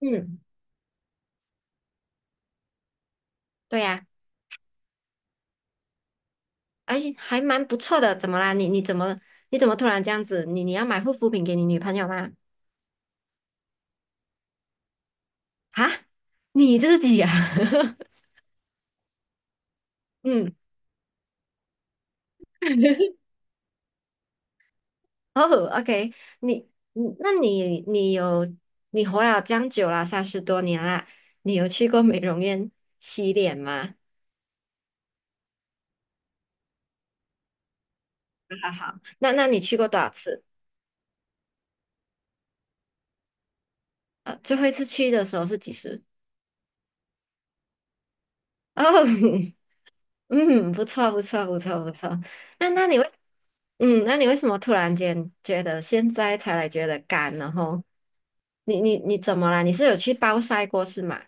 嗯，对呀、而且还蛮不错的。怎么啦？你怎么突然这样子？你要买护肤品给你女朋友吗？啊，你自己啊？嗯，哦，OK，你你那你你有你活了这样久了，三十多年啦，你有去过美容院洗脸吗？好好好，那你去过多少次？最后一次去的时候是几时？哦，嗯，不错，不错，不错，不错。那那你为，那你为什么突然间觉得现在才来觉得干？然后你怎么啦？你是有去暴晒过是吗？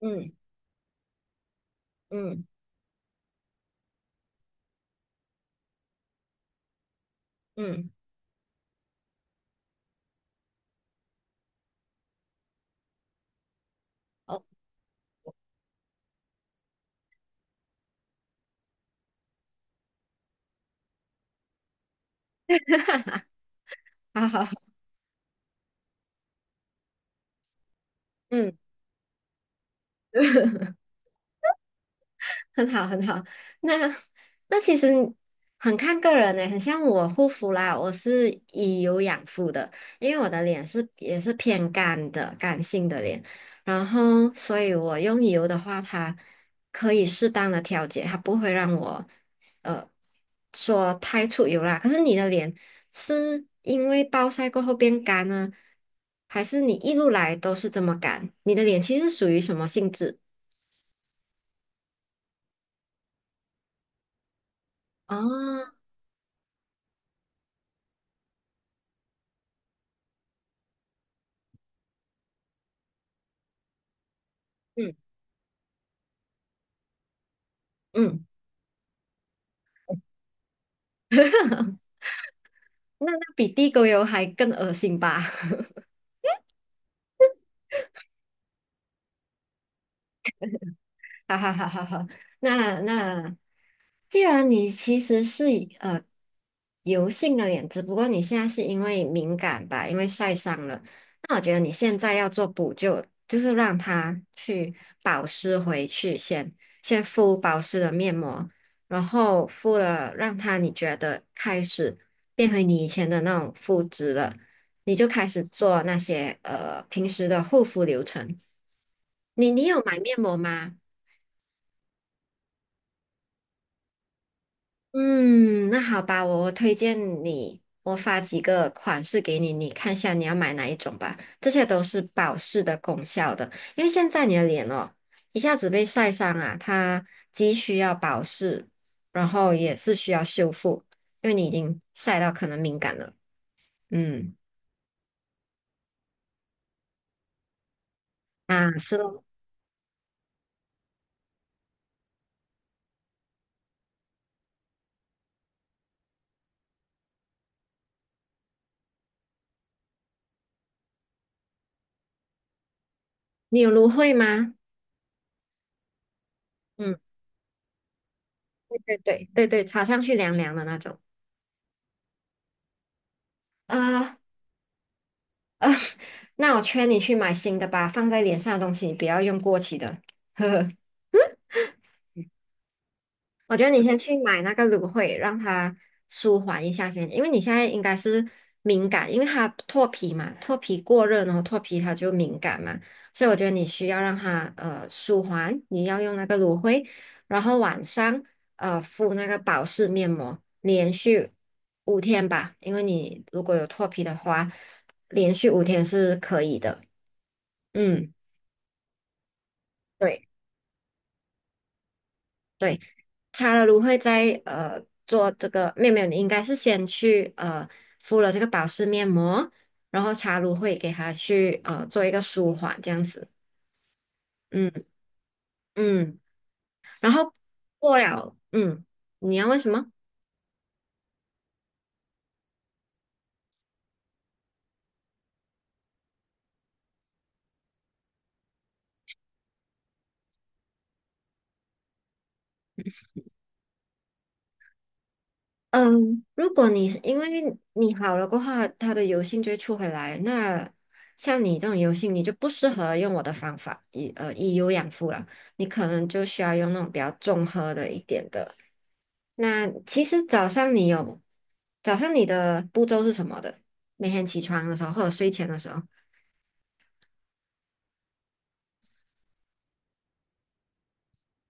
嗯嗯嗯，哦，好好，好嗯，很好，很好。那那其实很看个人呢，很像我护肤啦，我是以油养肤的，因为我的脸是也是偏干的，干性的脸，然后所以我用油的话，它可以适当的调节，它不会让我呃说太出油啦。可是你的脸是因为暴晒过后变干呢，还是你一路来都是这么干？你的脸其实属于什么性质？哦，嗯嗯。那比地沟油还更恶心吧？哈哈哈哈哈。那那，既然你其实是以油性的脸，只不过你现在是因为敏感吧，因为晒伤了，那我觉得你现在要做补救，就是让它去保湿回去先，先敷保湿的面膜，然后敷了让它你觉得开始变回你以前的那种肤质了，你就开始做那些平时的护肤流程。你有买面膜吗？嗯，那好吧，我推荐你，我发几个款式给你，你看一下你要买哪一种吧。这些都是保湿的功效的，因为现在你的脸哦，一下子被晒伤啊，它既需要保湿，然后也是需要修复，因为你已经晒到可能敏感了。嗯，啊，是咯，你有芦荟吗？嗯，对对对对对，擦上去凉凉的那种。呃呃，那我劝你去买新的吧，放在脸上的东西你不要用过期的。呵呵。我觉得你先去买那个芦荟，让它舒缓一下先，因为你现在应该是敏感，因为它脱皮嘛，脱皮过热，然后脱皮它就敏感嘛，所以我觉得你需要让它舒缓，你要用那个芦荟，然后晚上敷那个保湿面膜，连续五天吧，因为你如果有脱皮的话，连续五天是可以的，嗯。对。对，擦了芦荟在做这个，没有没有，你应该是先去敷了这个保湿面膜，然后擦芦荟给它去做一个舒缓这样子，嗯嗯，然后过了，嗯，你要问什么？嗯，如果你因为你好了过后，它的油性就会出回来。那像你这种油性，你就不适合用我的方法，以以油养肤了。你可能就需要用那种比较综合的一点的。那其实早上你的步骤是什么的？每天起床的时候或者睡前的时候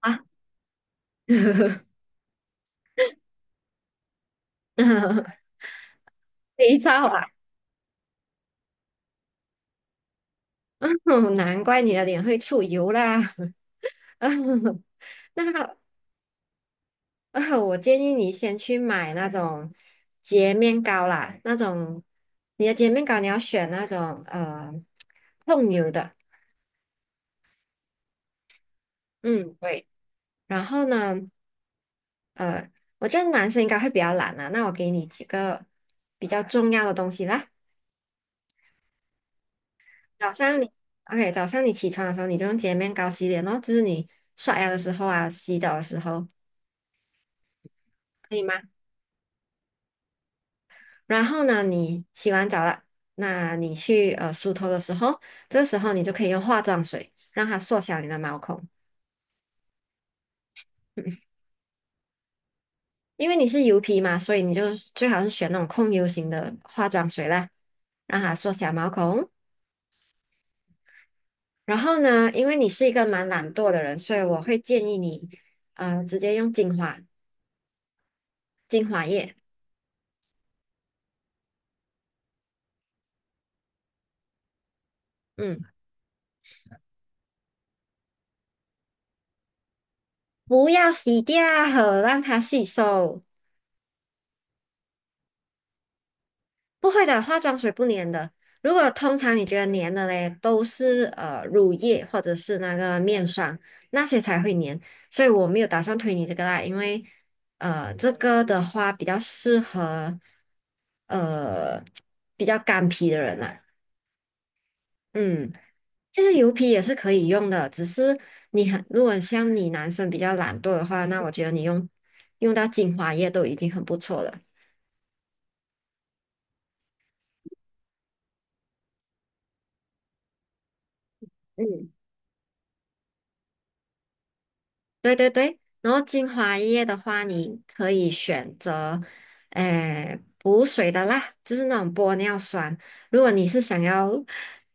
啊，肥皂啊，难怪你的脸会出油啦。那 我建议你先去买那种洁面膏啦，你的洁面膏你要选那种控油的，嗯对。然后呢，呃，我觉得男生应该会比较懒啊，那我给你几个比较重要的东西啦。早上你 OK，早上你起床的时候你就用洁面膏洗脸咯，就是你刷牙的时候啊，洗澡的时候，可以吗？然后呢，你洗完澡了，那你去梳头的时候，这时候你就可以用化妆水让它缩小你的毛孔。嗯因为你是油皮嘛，所以你就最好是选那种控油型的化妆水啦，让它缩小毛孔。然后呢，因为你是一个蛮懒惰的人，所以我会建议你，直接用精华液，嗯，不要洗掉，让它吸收。不会的，化妆水不粘的。如果通常你觉得粘的嘞，都是乳液或者是那个面霜那些才会粘，所以我没有打算推你这个啦，因为这个的话比较适合呃比较干皮的人啦。嗯，其实油皮也是可以用的，只是你很如果像你男生比较懒惰的话，那我觉得你用到精华液都已经很不错了。嗯。对对对，然后精华液的话，你可以选择，诶、补水的啦，就是那种玻尿酸。如果你是想要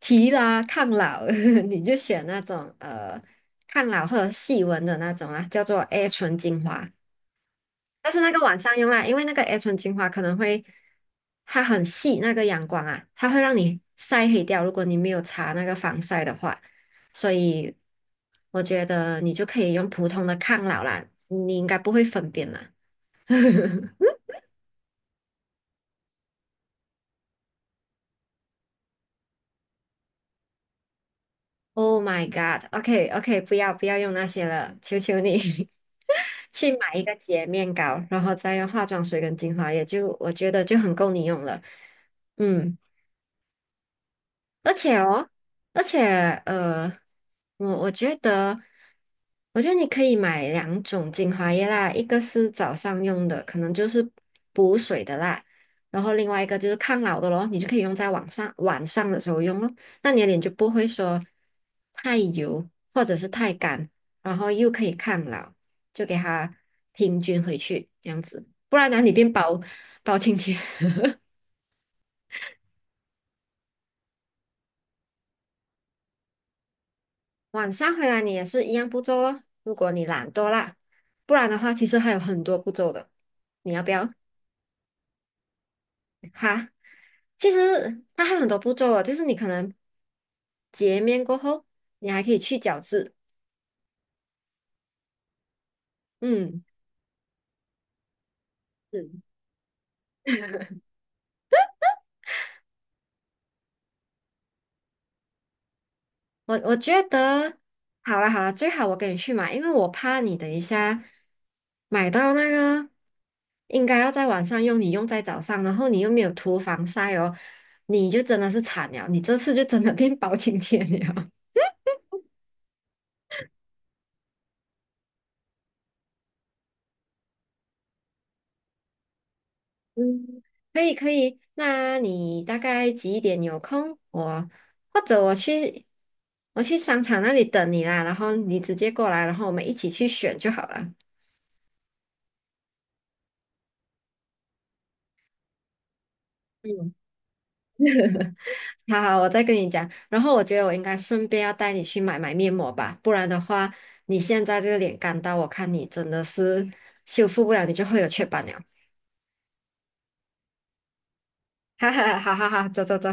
提拉抗老，你就选那种抗老或者细纹的那种啦，叫做 A 醇精华。但是那个晚上用啦，因为那个 A 醇精华可能会，它很细，那个阳光啊，它会让你晒黑掉。如果你没有擦那个防晒的话，所以我觉得你就可以用普通的抗老啦，你应该不会分辨啦。Oh my god！OK OK，OK，不要用那些了，求求你 去买一个洁面膏，然后再用化妆水跟精华液，就我觉得就很够你用了。嗯。而且哦，而且呃，我觉得，我觉得你可以买两种精华液啦，一个是早上用的，可能就是补水的啦，然后另外一个就是抗老的咯，你就可以用在晚上的时候用咯，那你的脸就不会说太油或者是太干，然后又可以抗老，就给它平均回去这样子，不然哪里变包青天。晚上回来你也是一样步骤咯，如果你懒惰啦，不然的话其实还有很多步骤的，你要不要？哈，其实它还有很多步骤哦，就是你可能洁面过后，你还可以去角质。嗯是。我觉得好了好了，最好我跟你去买，因为我怕你等一下买到那个应该要在晚上用，你用在早上，然后你又没有涂防晒哦，你就真的是惨了，你这次就真的变 包青天了。嗯，可以可以，那你大概几点有空？或者我去商场那里等你啦，然后你直接过来，然后我们一起去选就好了。嗯，好好，我再跟你讲。然后我觉得我应该顺便要带你去买买面膜吧，不然的话，你现在这个脸干到，我看你真的是修复不了，你就会有雀斑了。哈哈，好好好，走走走。